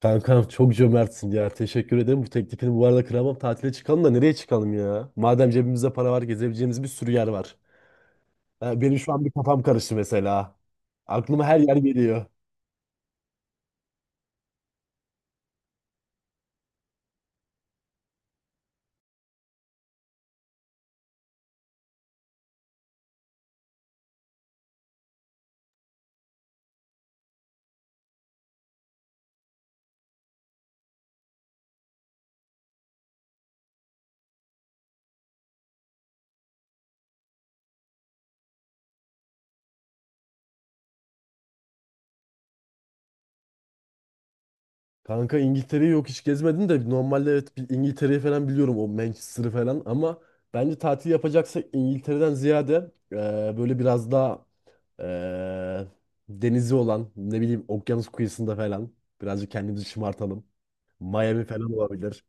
Kankam çok cömertsin ya. Teşekkür ederim. Bu teklifini bu arada kıramam. Tatile çıkalım da nereye çıkalım ya? Madem cebimizde para var, gezebileceğimiz bir sürü yer var. Ha, benim şu an bir kafam karıştı mesela. Aklıma her yer geliyor. Kanka İngiltere'yi yok hiç gezmedim de normalde evet bir İngiltere'yi falan biliyorum o Manchester'ı falan ama bence tatil yapacaksak İngiltere'den ziyade böyle biraz daha e, denizi olan ne bileyim okyanus kıyısında falan birazcık kendimizi şımartalım. Miami falan olabilir.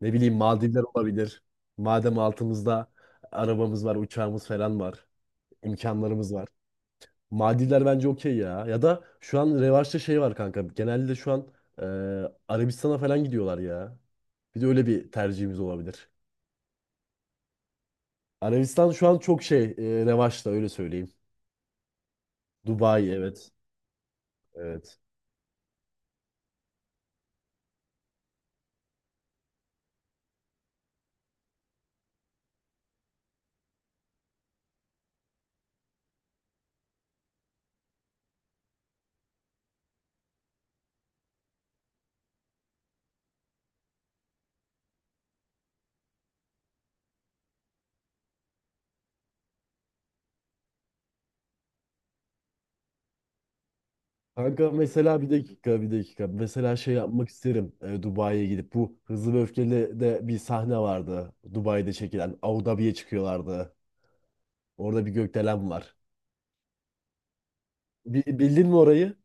Ne bileyim Maldivler olabilir. Madem altımızda arabamız var, uçağımız falan var. İmkanlarımız var. Maldivler bence okey ya. Ya da şu an revaçta şey var kanka. Genelde şu an e, Arabistan'a falan gidiyorlar ya. Bir de öyle bir tercihimiz olabilir. Arabistan şu an çok şey revaçta, öyle söyleyeyim. Dubai, evet. Evet. Kanka mesela bir dakika, bir dakika. Mesela şey yapmak isterim Dubai'ye gidip. Bu Hızlı ve Öfkeli de bir sahne vardı. Dubai'de çekilen. Abu Dhabi'ye çıkıyorlardı. Orada bir gökdelen var. Bildin mi orayı?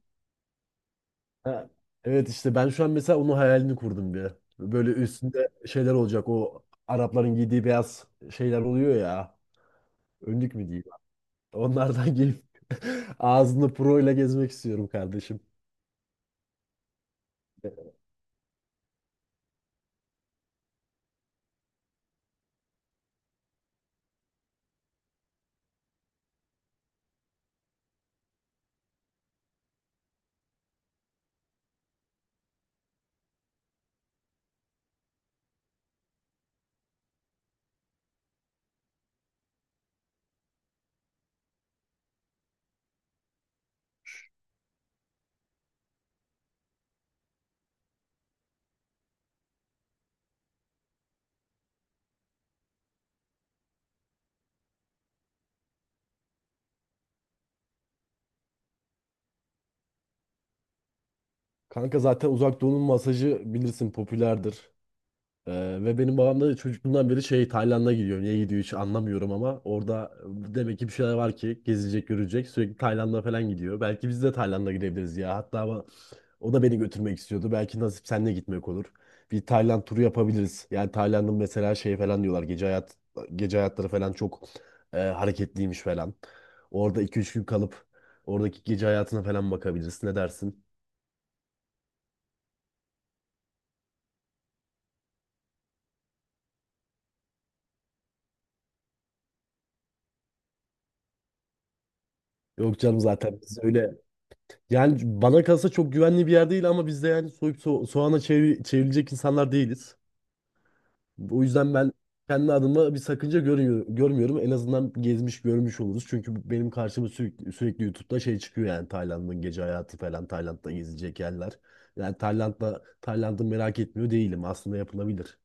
Ha. Evet, işte ben şu an mesela onun hayalini kurdum bir. Böyle üstünde şeyler olacak. O Arapların giydiği beyaz şeyler oluyor ya. Önlük mü diyeyim? Onlardan giyip ağzında pro ile gezmek istiyorum kardeşim. Kanka zaten Uzak Doğu'nun masajı bilirsin, popülerdir. Ve benim babam da çocukluğundan beri şey, Tayland'a gidiyor. Niye gidiyor hiç anlamıyorum ama orada demek ki bir şeyler var ki gezilecek, görecek. Sürekli Tayland'a falan gidiyor. Belki biz de Tayland'a gidebiliriz ya. Hatta ama o da beni götürmek istiyordu. Belki nasip seninle gitmek olur. Bir Tayland turu yapabiliriz. Yani Tayland'ın mesela şey falan diyorlar. Gece hayatları falan çok hareketliymiş falan. Orada iki üç gün kalıp oradaki gece hayatına falan bakabiliriz. Ne dersin? Yok canım, zaten biz öyle. Yani bana kalsa çok güvenli bir yer değil ama biz de yani soyup soğana çevrilecek insanlar değiliz. O yüzden ben kendi adıma bir sakınca görmüyorum, görmüyorum. En azından gezmiş görmüş oluruz. Çünkü benim karşıma sürekli, sürekli YouTube'da şey çıkıyor, yani Tayland'ın gece hayatı falan, Tayland'da gezilecek yerler. Yani Tayland'da, Tayland'ı merak etmiyor değilim. Aslında yapılabilir.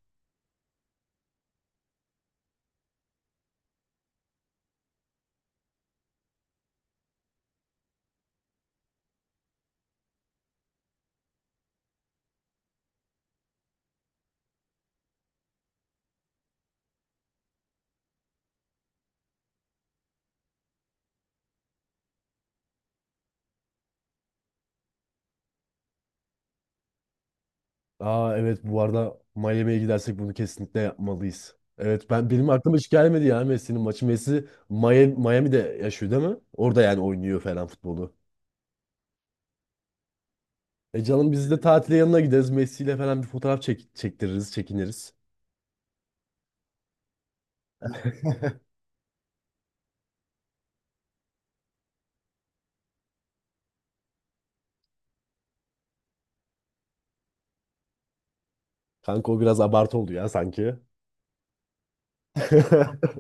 Aa, evet, bu arada Miami'ye gidersek bunu kesinlikle yapmalıyız. Evet, ben, benim aklıma hiç gelmedi ya, Messi'nin maçı. Messi Miami, Miami'de yaşıyor değil mi? Orada yani oynuyor falan futbolu. E canım, biz de tatile yanına gideriz. Messi ile falan bir fotoğraf çektiririz, çekiniriz. Kanka o biraz abartı oldu ya sanki.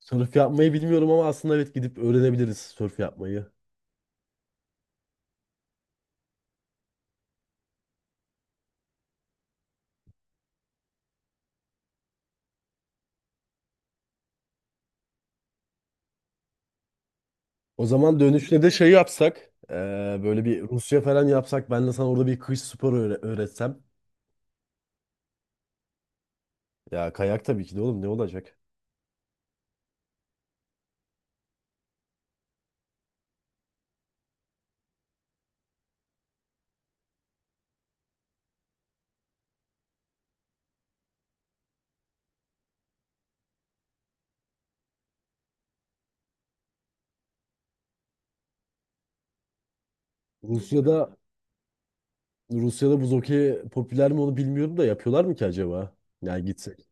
Sörf yapmayı bilmiyorum ama aslında evet, gidip öğrenebiliriz sörf yapmayı. O zaman dönüşte de şey yapsak, böyle bir Rusya falan yapsak, ben de sana orada bir kış sporu öğretsem. Ya kayak, tabii ki de oğlum, ne olacak? Rusya'da Rusya'da buz hokeyi popüler mi onu bilmiyorum da, yapıyorlar mı ki acaba? Yani gitsek.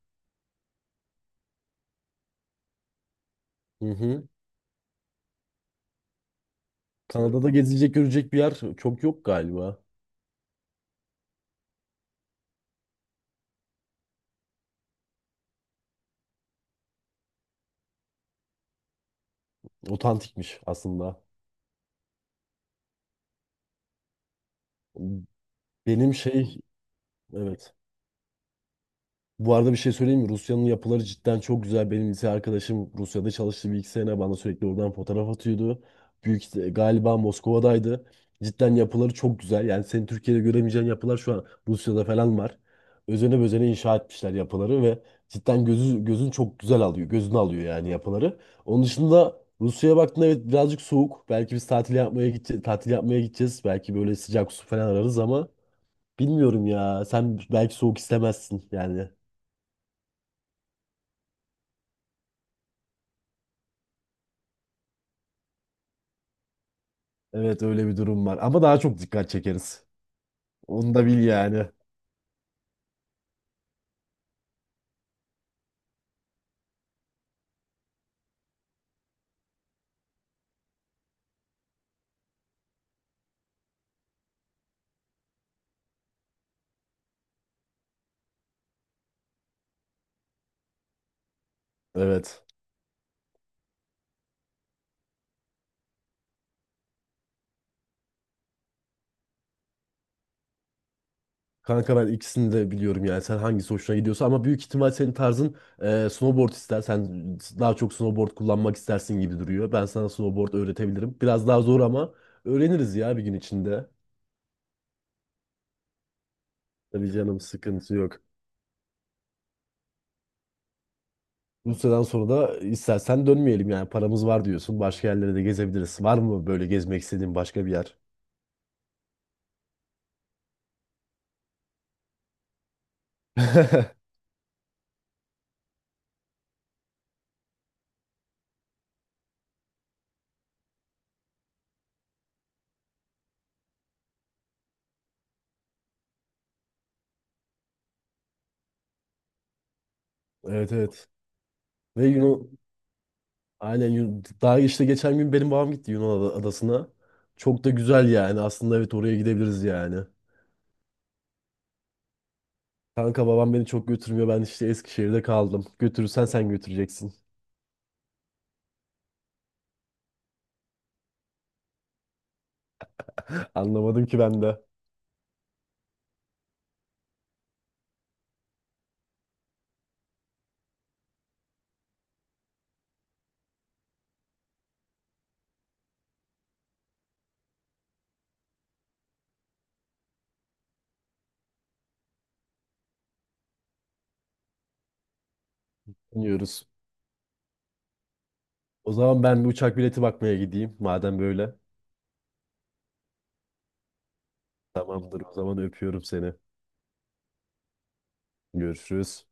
Hı hı. Kanada'da gezilecek görecek bir yer çok yok galiba. Otantikmiş aslında. Benim şey, evet. Bu arada bir şey söyleyeyim mi? Rusya'nın yapıları cidden çok güzel. Benim lise arkadaşım Rusya'da çalıştı 1 2 sene. Bana sürekli oradan fotoğraf atıyordu. Büyük galiba Moskova'daydı. Cidden yapıları çok güzel. Yani senin Türkiye'de göremeyeceğin yapılar şu an Rusya'da falan var. Özene bezene inşa etmişler yapıları ve cidden gözün çok güzel alıyor. Gözünü alıyor yani yapıları. Onun dışında Rusya'ya baktığında evet birazcık soğuk. Belki biz tatil yapmaya gideceğiz, tatil yapmaya gideceğiz. Belki böyle sıcak su falan ararız ama bilmiyorum ya. Sen belki soğuk istemezsin yani. Evet, öyle bir durum var. Ama daha çok dikkat çekeriz. Onu da bil yani. Evet. Kanka ben ikisini de biliyorum yani. Sen hangisi hoşuna gidiyorsa, ama büyük ihtimal senin tarzın snowboard ister. Sen daha çok snowboard kullanmak istersin gibi duruyor. Ben sana snowboard öğretebilirim. Biraz daha zor ama öğreniriz ya bir gün içinde. Tabii canım, sıkıntı yok. Bu süreden sonra da istersen dönmeyelim yani. Paramız var diyorsun. Başka yerlere de gezebiliriz. Var mı böyle gezmek istediğin başka bir yer? Evet, evet. Ve Yunan, Aynen Yun- Daha işte geçen gün benim babam gitti Yunan adasına. Çok da güzel yani. Aslında evet, oraya gidebiliriz yani. Kanka babam beni çok götürmüyor. Ben işte Eskişehir'de kaldım. Götürürsen sen götüreceksin. Anlamadım ki ben de. Anlıyoruz. O zaman ben bir uçak bileti bakmaya gideyim. Madem böyle. Tamamdır, o zaman öpüyorum seni. Görüşürüz.